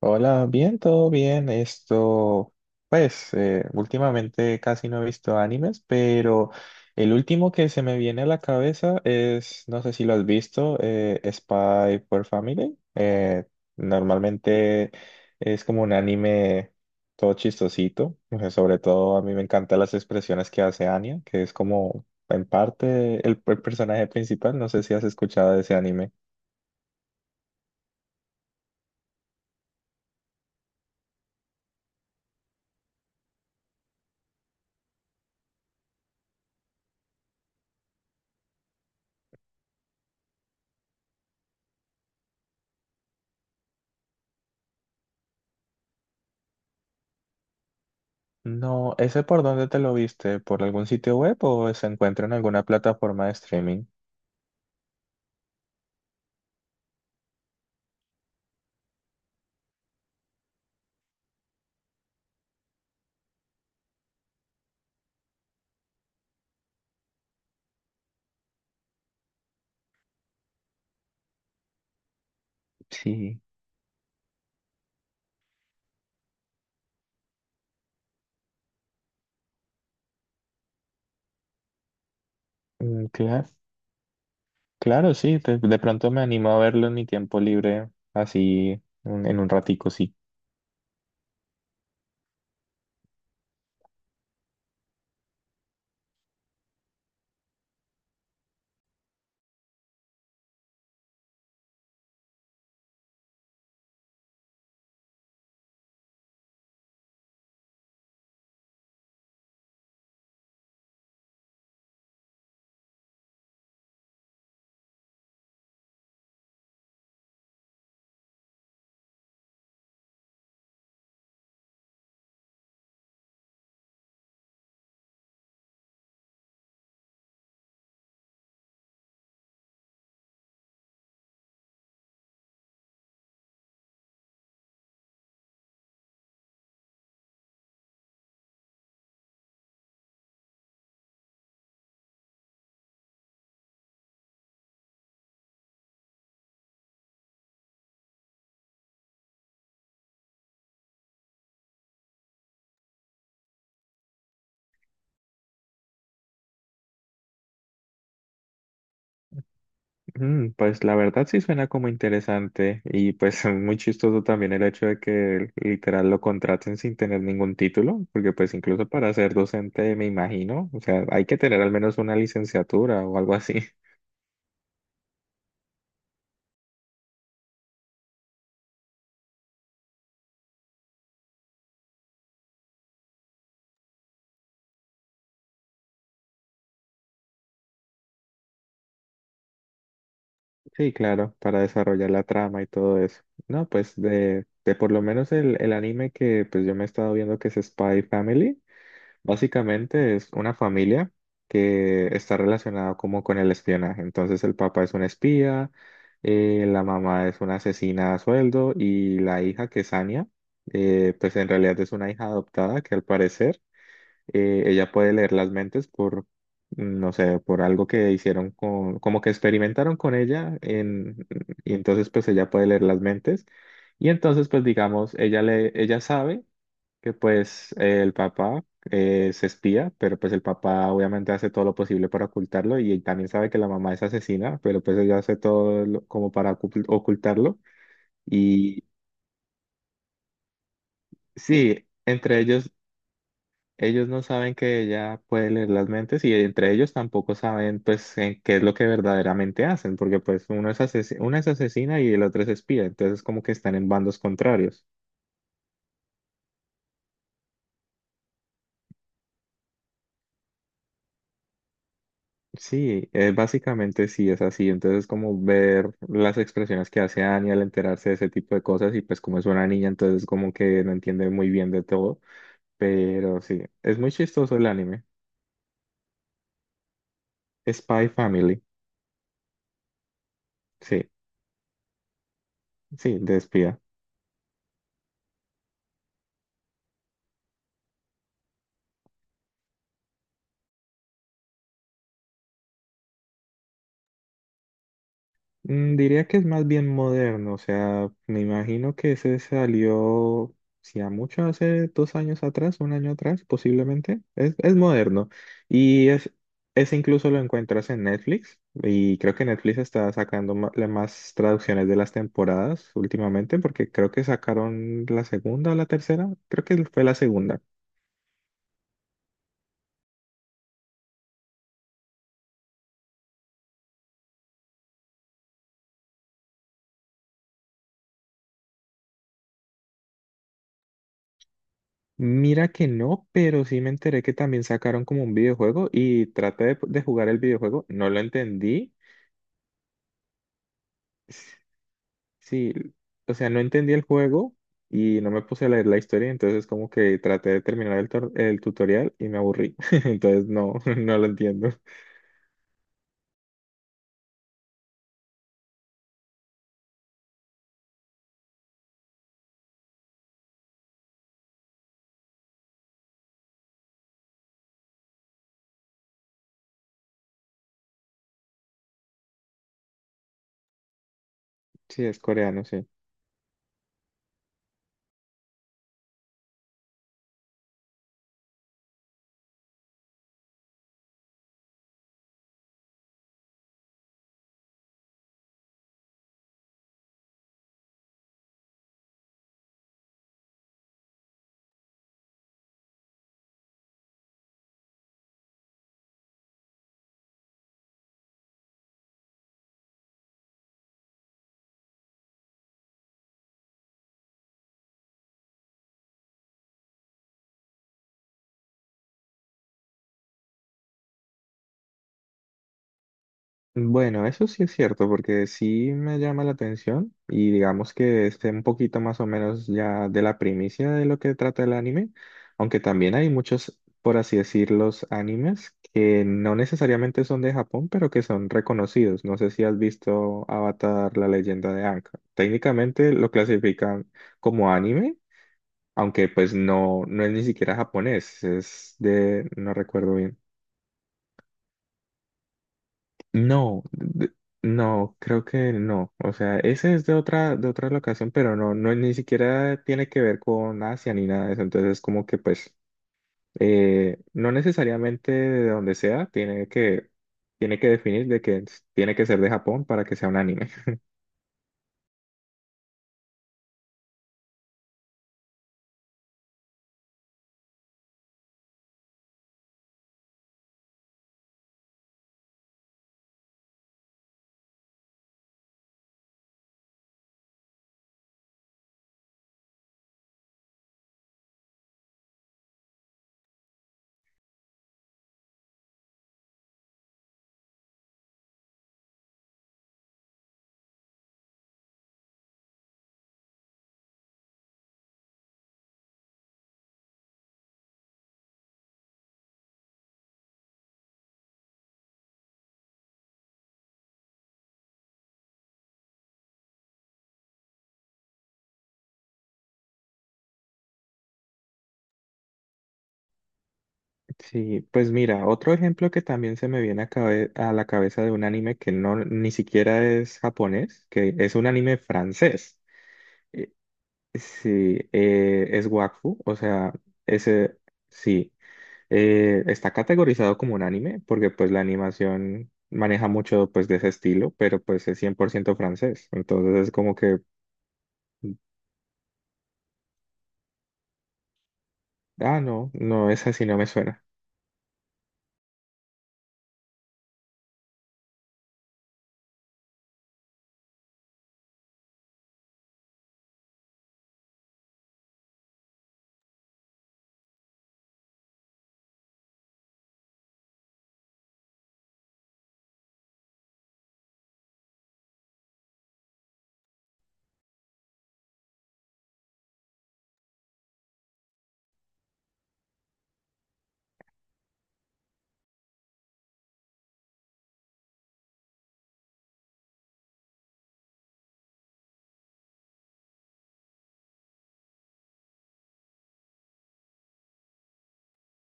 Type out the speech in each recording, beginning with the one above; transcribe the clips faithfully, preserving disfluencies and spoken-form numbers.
Hola, bien, todo bien. Esto, pues, eh, últimamente casi no he visto animes, pero el último que se me viene a la cabeza es, no sé si lo has visto, eh, Spy por Family. Eh, normalmente es como un anime todo chistosito. eh, Sobre todo a mí me encantan las expresiones que hace Anya, que es como en parte el el personaje principal. No sé si has escuchado de ese anime. No, ¿ese por dónde te lo viste? ¿Por algún sitio web o se encuentra en alguna plataforma de streaming? Sí. Claro, claro, sí, de, de pronto me animo a verlo en mi tiempo libre, así un- en un ratico, sí. Mm, pues la verdad sí suena como interesante y pues muy chistoso también el hecho de que literal lo contraten sin tener ningún título, porque pues incluso para ser docente me imagino, o sea, hay que tener al menos una licenciatura o algo así. Sí, claro, para desarrollar la trama y todo eso. No, pues de, de por lo menos el, el anime que pues yo me he estado viendo que es Spy Family, básicamente es una familia que está relacionada como con el espionaje. Entonces el papá es un espía, eh, la mamá es una asesina a sueldo y la hija que es Anya, eh, pues en realidad es una hija adoptada que al parecer eh, ella puede leer las mentes por, mm, no sé, por algo que hicieron con, como que experimentaron con ella en, y entonces pues ella puede leer las mentes y entonces pues digamos, ella le, ella sabe que pues eh, el papá eh, es espía, pero pues el papá obviamente hace todo lo posible para ocultarlo y él también sabe que la mamá es asesina, pero pues ella hace todo lo- como para ocult- ocultarlo y sí, entre ellos. Ellos no saben que ella puede leer las mentes y entre ellos tampoco saben pues en qué es lo que verdaderamente hacen, porque pues uno es asesino, una es asesina y el otro es espía, entonces como que están en bandos contrarios. Sí, eh, básicamente sí es así, entonces como ver las expresiones que hace Annie al enterarse de ese tipo de cosas y pues como es una niña, entonces como que no entiende muy bien de todo, pero sí, es muy chistoso el anime. Spy Family, sí, sí, de espía. Mm, diría que es más bien moderno, o sea, me imagino que ese salió, si a mucho, hace dos años atrás, un año atrás, posiblemente. Es, es moderno. Y es, ese incluso lo encuentras en Netflix. Y creo que Netflix está sacando ma- la- más traducciones de las temporadas últimamente, porque creo que sacaron la segunda o la tercera. Creo que fue la segunda. Mira que no, pero sí me enteré que también sacaron como un videojuego y traté de de jugar el videojuego. No lo entendí. Sí, o sea, no entendí el juego y no me puse a leer la historia, entonces como que traté de terminar el, tor- el tutorial y me aburrí, entonces no, no lo entiendo. Sí, es coreano, sí. Bueno, eso sí es cierto, porque sí me llama la atención y digamos que esté un poquito más o menos ya de la primicia de lo que trata el anime, aunque también hay muchos, por así decirlo, animes que no necesariamente son de Japón, pero que son reconocidos. No sé si has visto Avatar, la leyenda de Aang. Técnicamente lo clasifican como anime, aunque pues no, no es ni siquiera japonés, es de, no recuerdo bien. No, d- no, creo que no. O sea, ese es de otra, de otra locación, pero no, no, ni siquiera tiene que ver con Asia ni nada de eso. Entonces es como que pues eh, no necesariamente de donde sea, tiene que, tiene que definir de que s- tiene que ser de Japón para que sea un anime. Sí, pues mira, otro ejemplo que también se me viene a, cabe- a la cabeza de un anime que no ni siquiera es japonés, que es un anime francés. Sí, eh, es Wakfu, o sea, ese sí, eh, está categorizado como un anime porque pues la animación maneja mucho pues de ese estilo, pero pues es cien por ciento francés, entonces es como que, ah, no, no, es así, no me suena.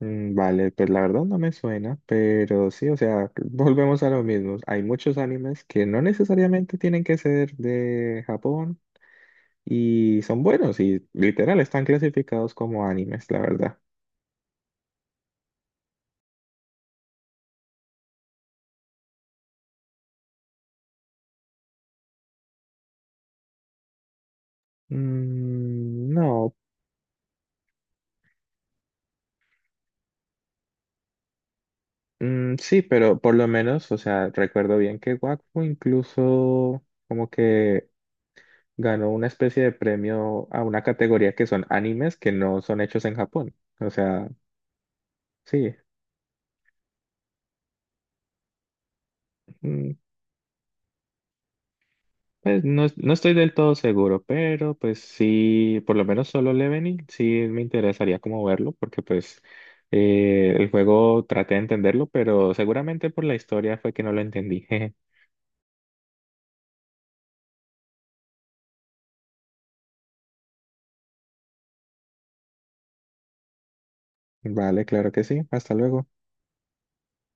Mm, vale, pues la verdad no me suena, pero sí, o sea, volvemos a lo mismo. Hay muchos animes que no necesariamente tienen que ser de Japón y son buenos y literal están clasificados como animes, la verdad. Mm, no, mm, sí, pero por lo menos, o sea, recuerdo bien que Wakfu incluso como que ganó una especie de premio a una categoría que son animes que no son hechos en Japón. O sea, sí, mm, pues no, es- no estoy del todo seguro, pero pues sí, por lo menos solo Leveling sí me interesaría como verlo, porque pues eh, el juego traté de entenderlo, pero seguramente por la historia fue que no lo entendí. Vale, claro que sí, hasta luego.